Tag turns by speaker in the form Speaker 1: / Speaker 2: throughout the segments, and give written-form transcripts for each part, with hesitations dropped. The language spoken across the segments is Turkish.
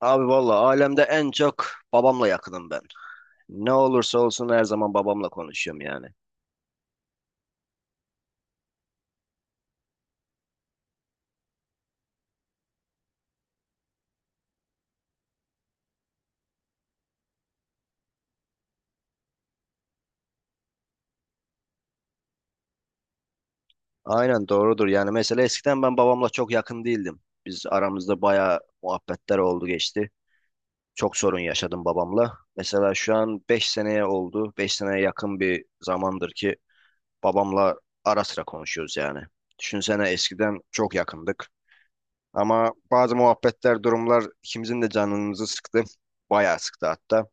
Speaker 1: Abi valla alemde en çok babamla yakınım ben. Ne olursa olsun her zaman babamla konuşuyorum yani. Aynen doğrudur yani mesela eskiden ben babamla çok yakın değildim. Biz aramızda bayağı muhabbetler oldu geçti. Çok sorun yaşadım babamla. Mesela şu an 5 seneye oldu. 5 seneye yakın bir zamandır ki babamla ara sıra konuşuyoruz yani. Düşünsene eskiden çok yakındık. Ama bazı muhabbetler, durumlar ikimizin de canımızı sıktı. Bayağı sıktı hatta.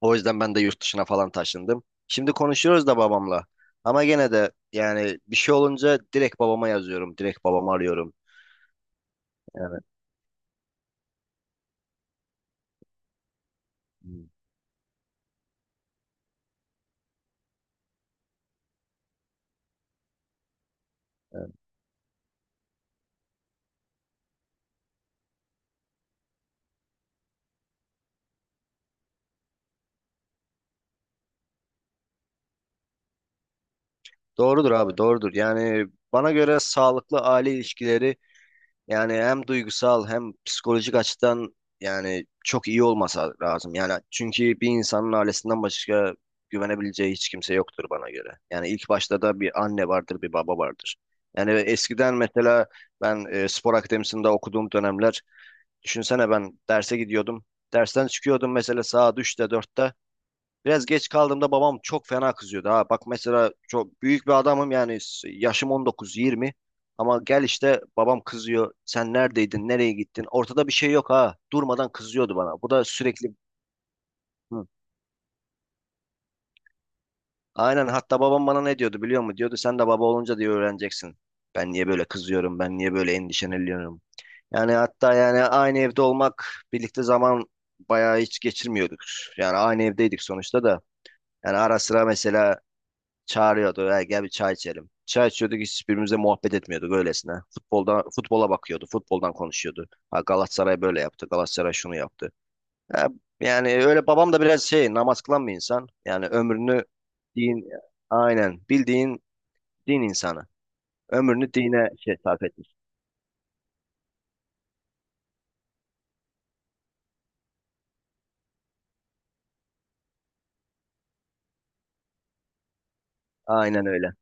Speaker 1: O yüzden ben de yurt dışına falan taşındım. Şimdi konuşuyoruz da babamla. Ama gene de yani bir şey olunca direkt babama yazıyorum. Direkt babamı arıyorum. Yani, hmm, evet. Doğrudur abi, doğrudur. Yani bana göre sağlıklı aile ilişkileri, yani hem duygusal hem psikolojik açıdan, yani çok iyi olmasa lazım. Yani çünkü bir insanın ailesinden başka güvenebileceği hiç kimse yoktur bana göre. Yani ilk başta da bir anne vardır, bir baba vardır. Yani eskiden mesela ben spor akademisinde okuduğum dönemler, düşünsene ben derse gidiyordum. Dersten çıkıyordum mesela saat üçte dörtte. Biraz geç kaldığımda babam çok fena kızıyordu ha. Bak mesela çok büyük bir adamım yani, yaşım 19-20, ama gel işte babam kızıyor. Sen neredeydin? Nereye gittin? Ortada bir şey yok ha. Durmadan kızıyordu bana. Bu da sürekli. Hı. Aynen, hatta babam bana ne diyordu biliyor musun? Diyordu sen de baba olunca diye öğreneceksin. Ben niye böyle kızıyorum? Ben niye böyle endişeleniyorum? Yani hatta yani aynı evde olmak, birlikte zaman bayağı hiç geçirmiyorduk. Yani aynı evdeydik sonuçta da. Yani ara sıra mesela çağırıyordu. "Ya gel bir çay içelim." Çay içiyorduk, hiçbirimizle muhabbet etmiyorduk öylesine. Futbola bakıyordu. Futboldan konuşuyordu. Ha, Galatasaray böyle yaptı. Galatasaray şunu yaptı. Ya, yani öyle babam da biraz namaz kılan bir insan. Yani ömrünü din, aynen bildiğin din insanı. Ömrünü dine sarf etmiş. Aynen öyle.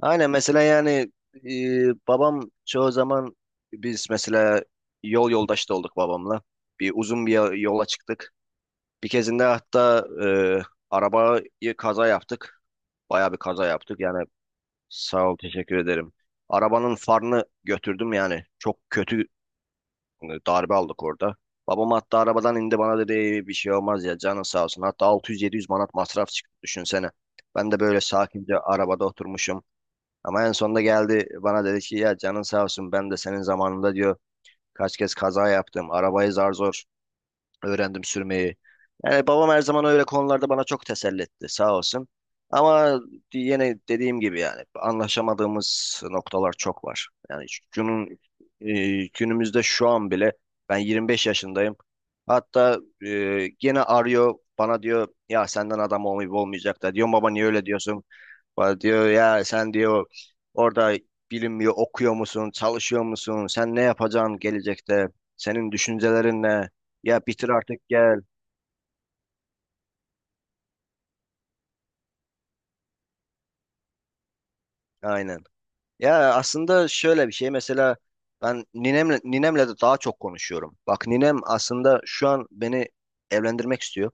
Speaker 1: Aynen mesela yani, babam çoğu zaman, biz mesela yol yoldaşı da olduk babamla. Bir uzun bir yola çıktık. Bir kezinde hatta e, arabayı kaza yaptık. Bayağı bir kaza yaptık. Yani sağ ol, teşekkür ederim. Arabanın farını götürdüm yani. Çok kötü darbe aldık orada. Babam hatta arabadan indi, bana dedi "Ey, bir şey olmaz ya, canın sağ olsun." Hatta 600-700 manat masraf çıktı düşünsene. Ben de böyle sakince arabada oturmuşum. Ama en sonunda geldi bana dedi ki ya canın sağ olsun, ben de senin zamanında diyor kaç kez kaza yaptım. Arabayı zar zor öğrendim sürmeyi. Yani babam her zaman öyle konularda bana çok teselli etti, sağ olsun. Ama yine dediğim gibi yani anlaşamadığımız noktalar çok var. Yani günün, günümüzde şu an bile ben 25 yaşındayım. Hatta gene arıyor bana, diyor ya senden adam olmayıp olmayacak da, diyorum baba niye öyle diyorsun? Bana diyor ya sen diyor orada bilinmiyor, okuyor musun, çalışıyor musun, sen ne yapacaksın gelecekte, senin düşüncelerin ne? Ya bitir artık gel. Aynen. Ya aslında şöyle bir şey mesela, ben ninemle de daha çok konuşuyorum. Bak ninem aslında şu an beni evlendirmek istiyor.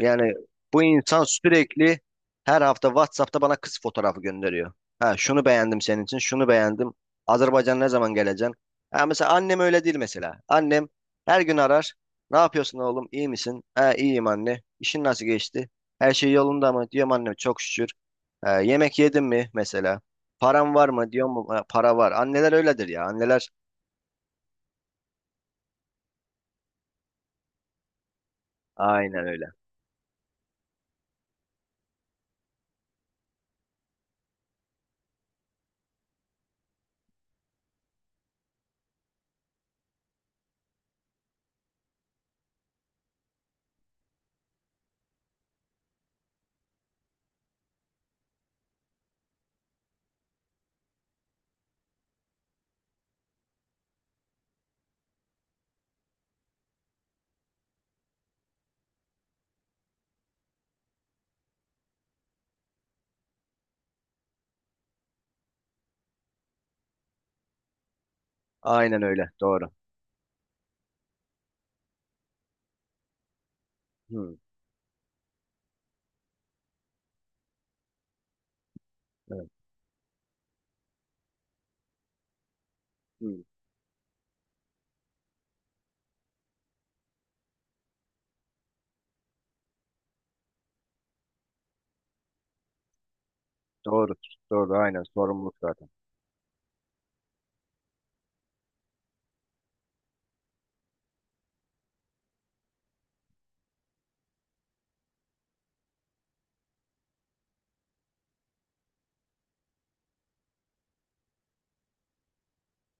Speaker 1: Yani bu insan sürekli her hafta WhatsApp'ta bana kız fotoğrafı gönderiyor. Ha şunu beğendim senin için, şunu beğendim. Azerbaycan ne zaman geleceksin? Ha mesela annem öyle değil mesela. Annem her gün arar. Ne yapıyorsun oğlum? İyi misin? Ha, iyiyim anne. İşin nasıl geçti? Her şey yolunda mı? Diyorum annem çok şükür. Ha, yemek yedin mi mesela? Param var mı? Diyorum "Ha, para var." Anneler öyledir ya. Anneler aynen öyle. Aynen öyle. Doğru. Hı, evet. Hı, doğru. Doğru. Aynen. Sorumluluk zaten.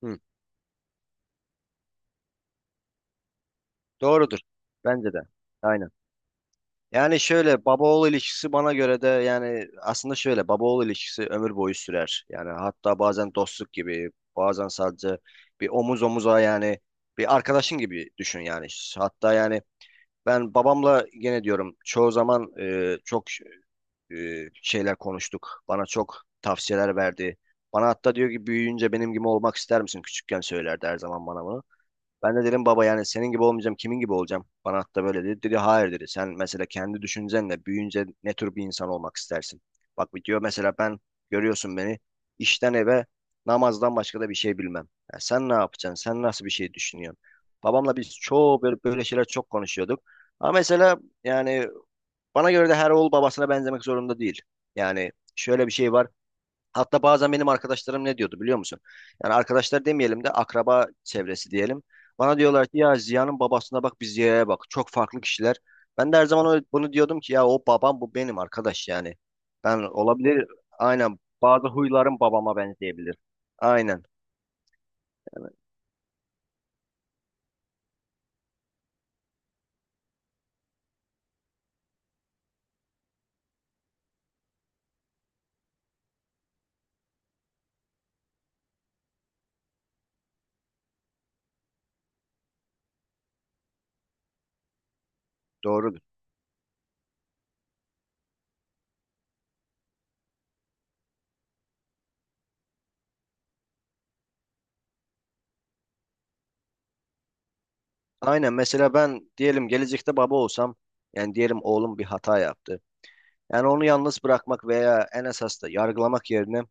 Speaker 1: Hı. Doğrudur. Bence de. Aynen. Yani şöyle baba oğul ilişkisi bana göre de, yani aslında şöyle baba oğul ilişkisi ömür boyu sürer. Yani hatta bazen dostluk gibi, bazen sadece bir omuz omuza, yani bir arkadaşın gibi düşün yani. Hatta yani ben babamla gene diyorum çoğu zaman, çok e, şeyler konuştuk. Bana çok tavsiyeler verdi. Bana hatta diyor ki büyüyünce benim gibi olmak ister misin? Küçükken söylerdi her zaman bana bunu. Ben de dedim baba yani senin gibi olmayacağım kimin gibi olacağım? Bana hatta böyle dedi. Dedi hayır dedi. Sen mesela kendi düşüncenle büyüyünce ne tür bir insan olmak istersin? Bak diyor mesela ben, görüyorsun beni, işten eve, namazdan başka da bir şey bilmem. Ya sen ne yapacaksın? Sen nasıl bir şey düşünüyorsun? Babamla biz çoğu böyle, böyle şeyler çok konuşuyorduk. Ama mesela yani bana göre de her oğul babasına benzemek zorunda değil. Yani şöyle bir şey var. Hatta bazen benim arkadaşlarım ne diyordu biliyor musun? Yani arkadaşlar demeyelim de akraba çevresi diyelim. Bana diyorlar ki ya Ziya'nın babasına bak bir Ziya'ya bak. Çok farklı kişiler. Ben de her zaman bunu diyordum ki ya o babam bu benim arkadaş yani. Ben olabilir aynen bazı huylarım babama benzeyebilir. Aynen doğrudur. Aynen mesela ben diyelim gelecekte baba olsam, yani diyelim oğlum bir hata yaptı. Yani onu yalnız bırakmak veya en esas da yargılamak yerine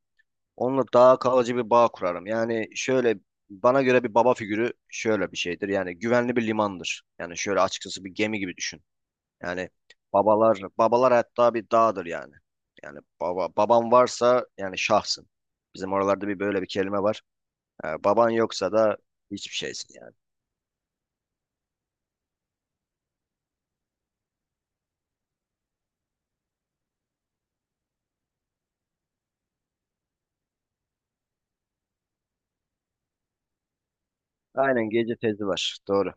Speaker 1: onunla daha kalıcı bir bağ kurarım. Yani şöyle bana göre bir baba figürü şöyle bir şeydir. Yani güvenli bir limandır. Yani şöyle açıkçası bir gemi gibi düşün. Yani babalar babalar hatta bir dağdır yani. Yani baba baban varsa yani şahsın. Bizim oralarda bir böyle bir kelime var. Ha, baban yoksa da hiçbir şeysin yani. Aynen gece tezi var. Doğru.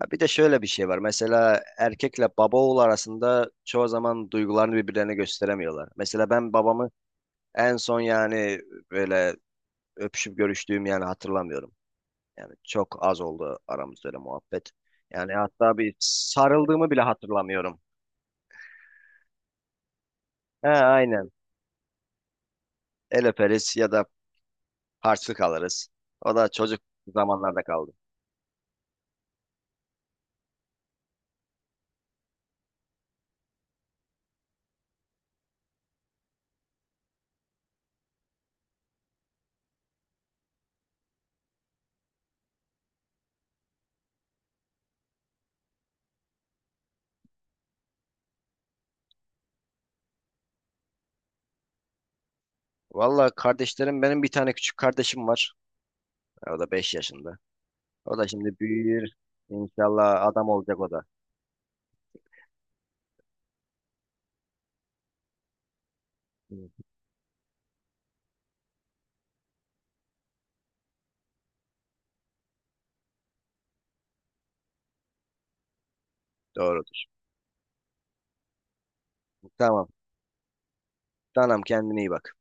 Speaker 1: Ha, bir de şöyle bir şey var. Mesela erkekle baba oğul arasında çoğu zaman duygularını birbirlerine gösteremiyorlar. Mesela ben babamı en son yani böyle öpüşüp görüştüğüm yani hatırlamıyorum. Yani çok az oldu aramızda öyle muhabbet. Yani hatta bir sarıldığımı bile hatırlamıyorum. He aynen. El öperiz ya da harçlık alırız. O da çocuk zamanlarda kaldı. Valla kardeşlerim, benim bir tane küçük kardeşim var. O da 5 yaşında. O da şimdi büyür. İnşallah adam olacak o da. Evet. Doğrudur. Tamam. Tamam kendine iyi bak.